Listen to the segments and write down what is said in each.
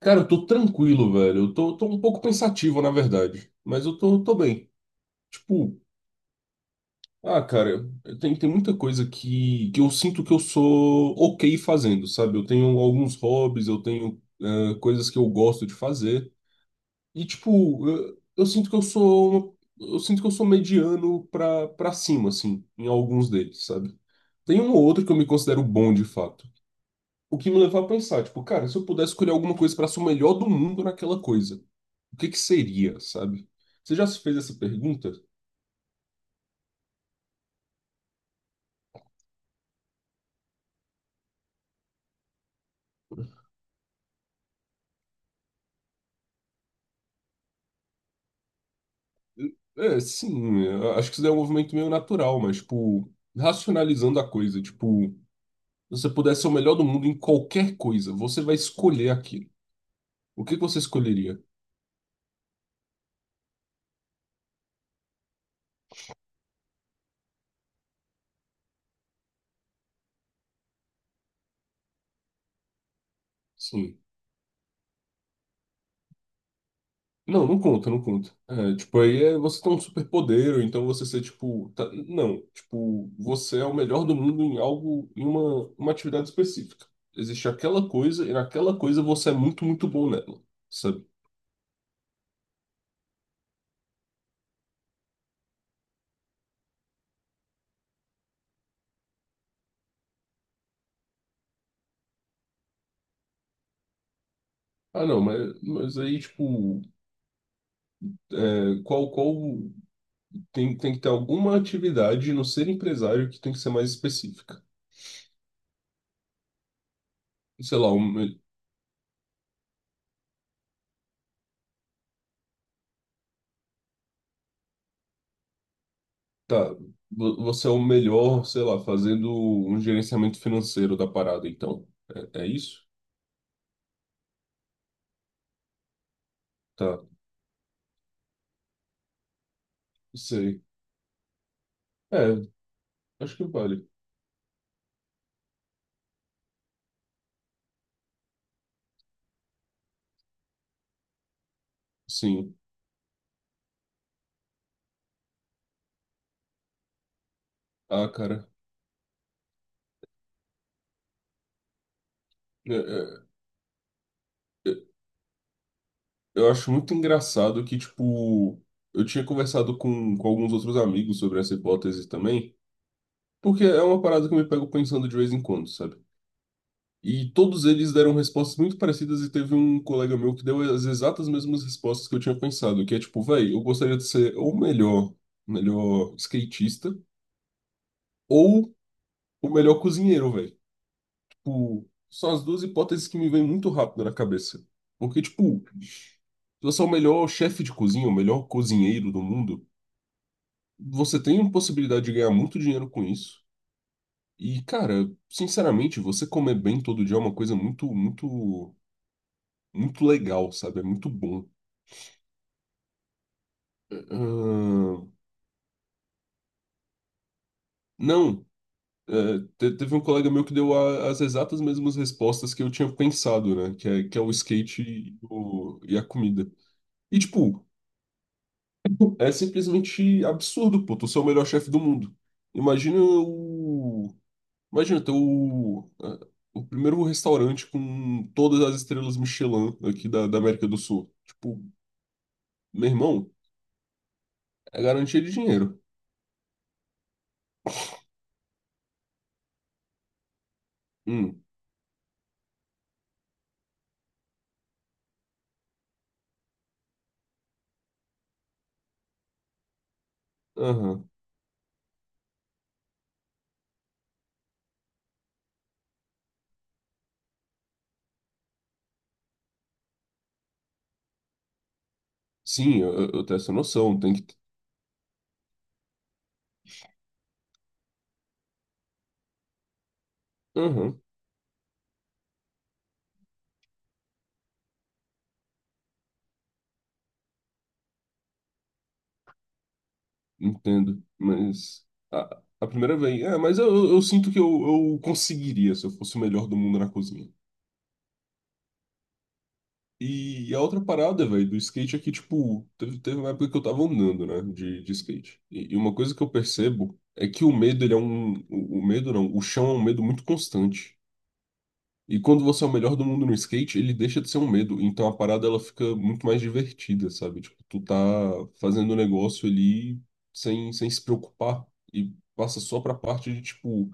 Cara, eu tô tranquilo, velho. Eu tô um pouco pensativo, na verdade. Mas eu tô bem. Tipo, ah, cara, tem muita coisa que eu sinto que eu sou ok fazendo, sabe? Eu tenho alguns hobbies, eu tenho coisas que eu gosto de fazer. E, tipo, eu sinto que eu sou, eu sinto que eu sou mediano pra cima, assim, em alguns deles, sabe? Tem um ou outro que eu me considero bom de fato. O que me leva a pensar, tipo, cara, se eu pudesse escolher alguma coisa pra ser o melhor do mundo naquela coisa. O que que seria, sabe? Você já se fez essa pergunta? É, sim, eu acho que isso daí é um movimento meio natural, mas, tipo, racionalizando a coisa, tipo, se você pudesse ser o melhor do mundo em qualquer coisa, você vai escolher aquilo. O que que você escolheria? Sim. Não, não conta, não conta. É, tipo, aí é você ter um superpoder, ou então você ser, tipo, tá- não, tipo, você é o melhor do mundo em algo, em uma atividade específica. Existe aquela coisa, e naquela coisa você é muito, muito bom nela. Sabe? Ah, não, mas aí, tipo, é, qual tem que ter alguma atividade no ser empresário que tem que ser mais específica. Sei lá, um, tá, você é o melhor, sei lá, fazendo um gerenciamento financeiro da parada, então. É, é isso? Tá, sei. É, acho que vale. Sim. Ah, cara. É, é, é, eu acho muito engraçado que, tipo, eu tinha conversado com alguns outros amigos sobre essa hipótese também. Porque é uma parada que eu me pego pensando de vez em quando, sabe? E todos eles deram respostas muito parecidas e teve um colega meu que deu as exatas mesmas respostas que eu tinha pensado, que é tipo, véi, eu gostaria de ser ou o melhor, melhor skatista ou o melhor cozinheiro, véi. Tipo, são as duas hipóteses que me vêm muito rápido na cabeça. Porque, tipo, se você é o melhor chefe de cozinha, o melhor cozinheiro do mundo, você tem uma possibilidade de ganhar muito dinheiro com isso. E, cara, sinceramente, você comer bem todo dia é uma coisa muito, muito, muito legal, sabe? É muito bom. Ahn, não, é, teve um colega meu que deu as exatas mesmas respostas que eu tinha pensado, né? Que é o skate e, e a comida. E, tipo, é simplesmente absurdo, pô. Tu ser o melhor chefe do mundo. Imagina o. Imagina ter o. É, o primeiro restaurante com todas as estrelas Michelin aqui da, da América do Sul. Tipo, meu irmão, é garantia de dinheiro. Hum, aham. Sim, eu tenho essa noção, tem que. Aham, entendo. Mas a primeira vez. É, mas eu sinto que eu conseguiria se eu fosse o melhor do mundo na cozinha. E a outra parada, velho, do skate é que, tipo, teve uma época que eu tava andando, né, de skate. E uma coisa que eu percebo é que o medo, ele é um. O medo não, o chão é um medo muito constante. E quando você é o melhor do mundo no skate, ele deixa de ser um medo. Então a parada ela fica muito mais divertida, sabe? Tipo, tu tá fazendo o negócio ali sem, sem se preocupar. E passa só pra parte de, tipo,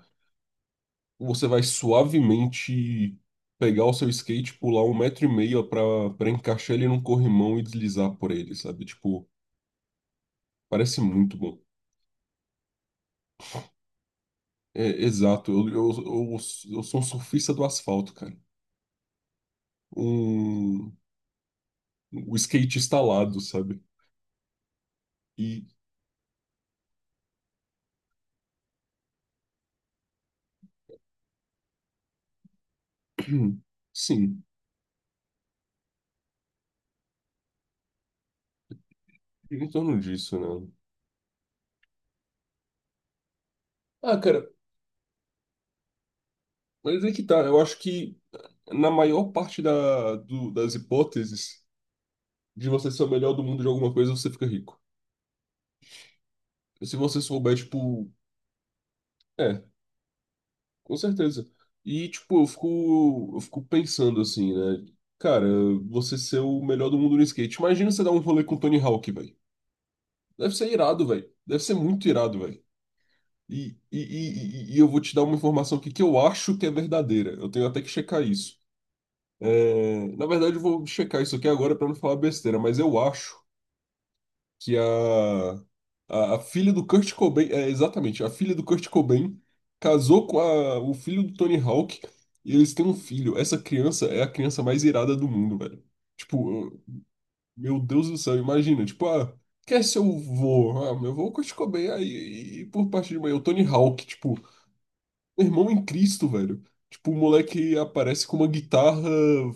você vai suavemente pegar o seu skate, pular 1,5 m pra, pra encaixar ele num corrimão e deslizar por ele, sabe? Tipo, parece muito bom. É, exato. Eu sou um surfista do asfalto, cara. Um, um skatista alado, sabe? E, hum, sim, fica em torno disso, né? Ah, cara, mas é que tá. Eu acho que na maior parte da, das hipóteses de você ser o melhor do mundo de alguma coisa, você fica rico. Se você souber, tipo, é, com certeza. E, tipo, eu fico pensando assim, né? Cara, você ser o melhor do mundo no skate. Imagina você dar um rolê com o Tony Hawk, velho. Deve ser irado, velho. Deve ser muito irado, velho. E eu vou te dar uma informação aqui que eu acho que é verdadeira. Eu tenho até que checar isso. É, na verdade, eu vou checar isso aqui agora para não falar besteira, mas eu acho que a filha do Kurt Cobain, é, exatamente, a filha do Kurt Cobain casou com o filho do Tony Hawk e eles têm um filho. Essa criança é a criança mais irada do mundo, velho. Tipo, meu Deus do céu, imagina, tipo, ah, quer ser o vô? Ah, meu vô é o Kurt Cobain, aí, e por parte de mãe, é o Tony Hawk, tipo, meu Irmão em Cristo, velho. Tipo, o moleque aparece com uma guitarra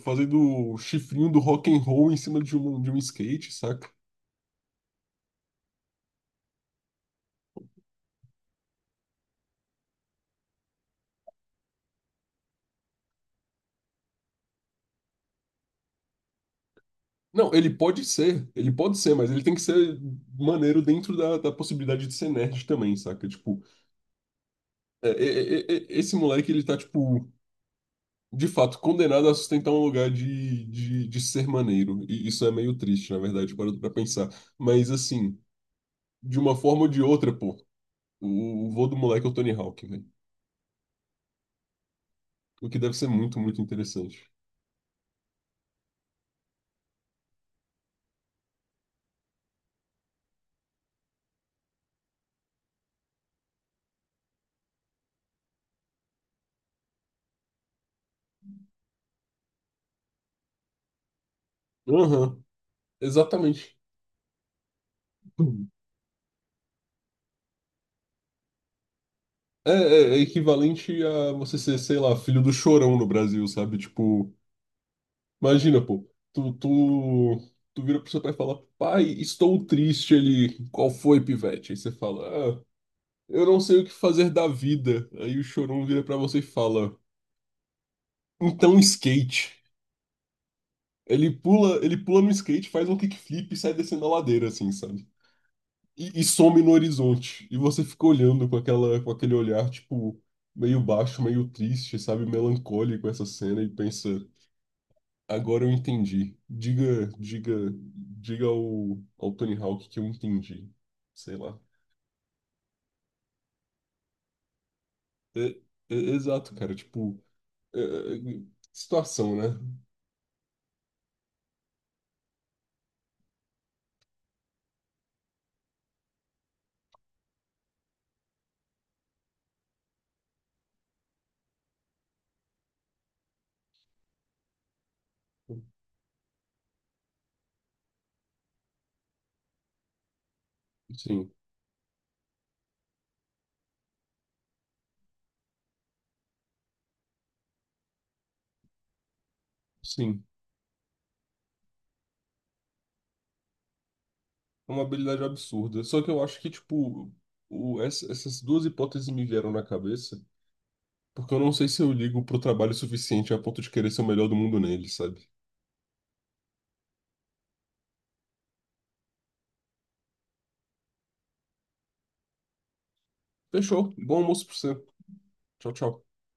fazendo o chifrinho do rock and roll em cima de um skate, saca? Não, ele pode ser, mas ele tem que ser maneiro dentro da, da possibilidade de ser nerd também, saca? Tipo, esse moleque, ele tá, tipo, de fato, condenado a sustentar um lugar de ser maneiro. E isso é meio triste, na verdade, parando pra pensar. Mas, assim, de uma forma ou de outra, pô, o vô do moleque é o Tony Hawk, velho. O que deve ser muito, muito interessante. Aham, exatamente. É equivalente a você ser, sei lá, filho do Chorão no Brasil, sabe? Tipo, imagina, pô, tu vira pro seu pai e fala, pai, estou triste. Ele, qual foi, pivete? Aí você fala, ah, eu não sei o que fazer da vida. Aí o Chorão vira pra você e fala, então skate. Ele pula no skate, faz um kickflip e sai descendo a ladeira, assim, sabe? E, e some no horizonte. E você fica olhando com aquela, com aquele olhar, tipo, meio baixo, meio triste, sabe, melancólico essa cena e pensa, agora eu entendi. Diga ao, ao Tony Hawk que eu entendi. Sei lá. É- Exato, cara, tipo, é- é- situação, né? Sim. Sim, é uma habilidade absurda. Só que eu acho que, tipo, o, essas duas hipóteses me vieram na cabeça, porque eu não sei se eu ligo pro trabalho suficiente a ponto de querer ser o melhor do mundo nele, sabe? Fechou. Bom almoço pra você. Tchau, tchau.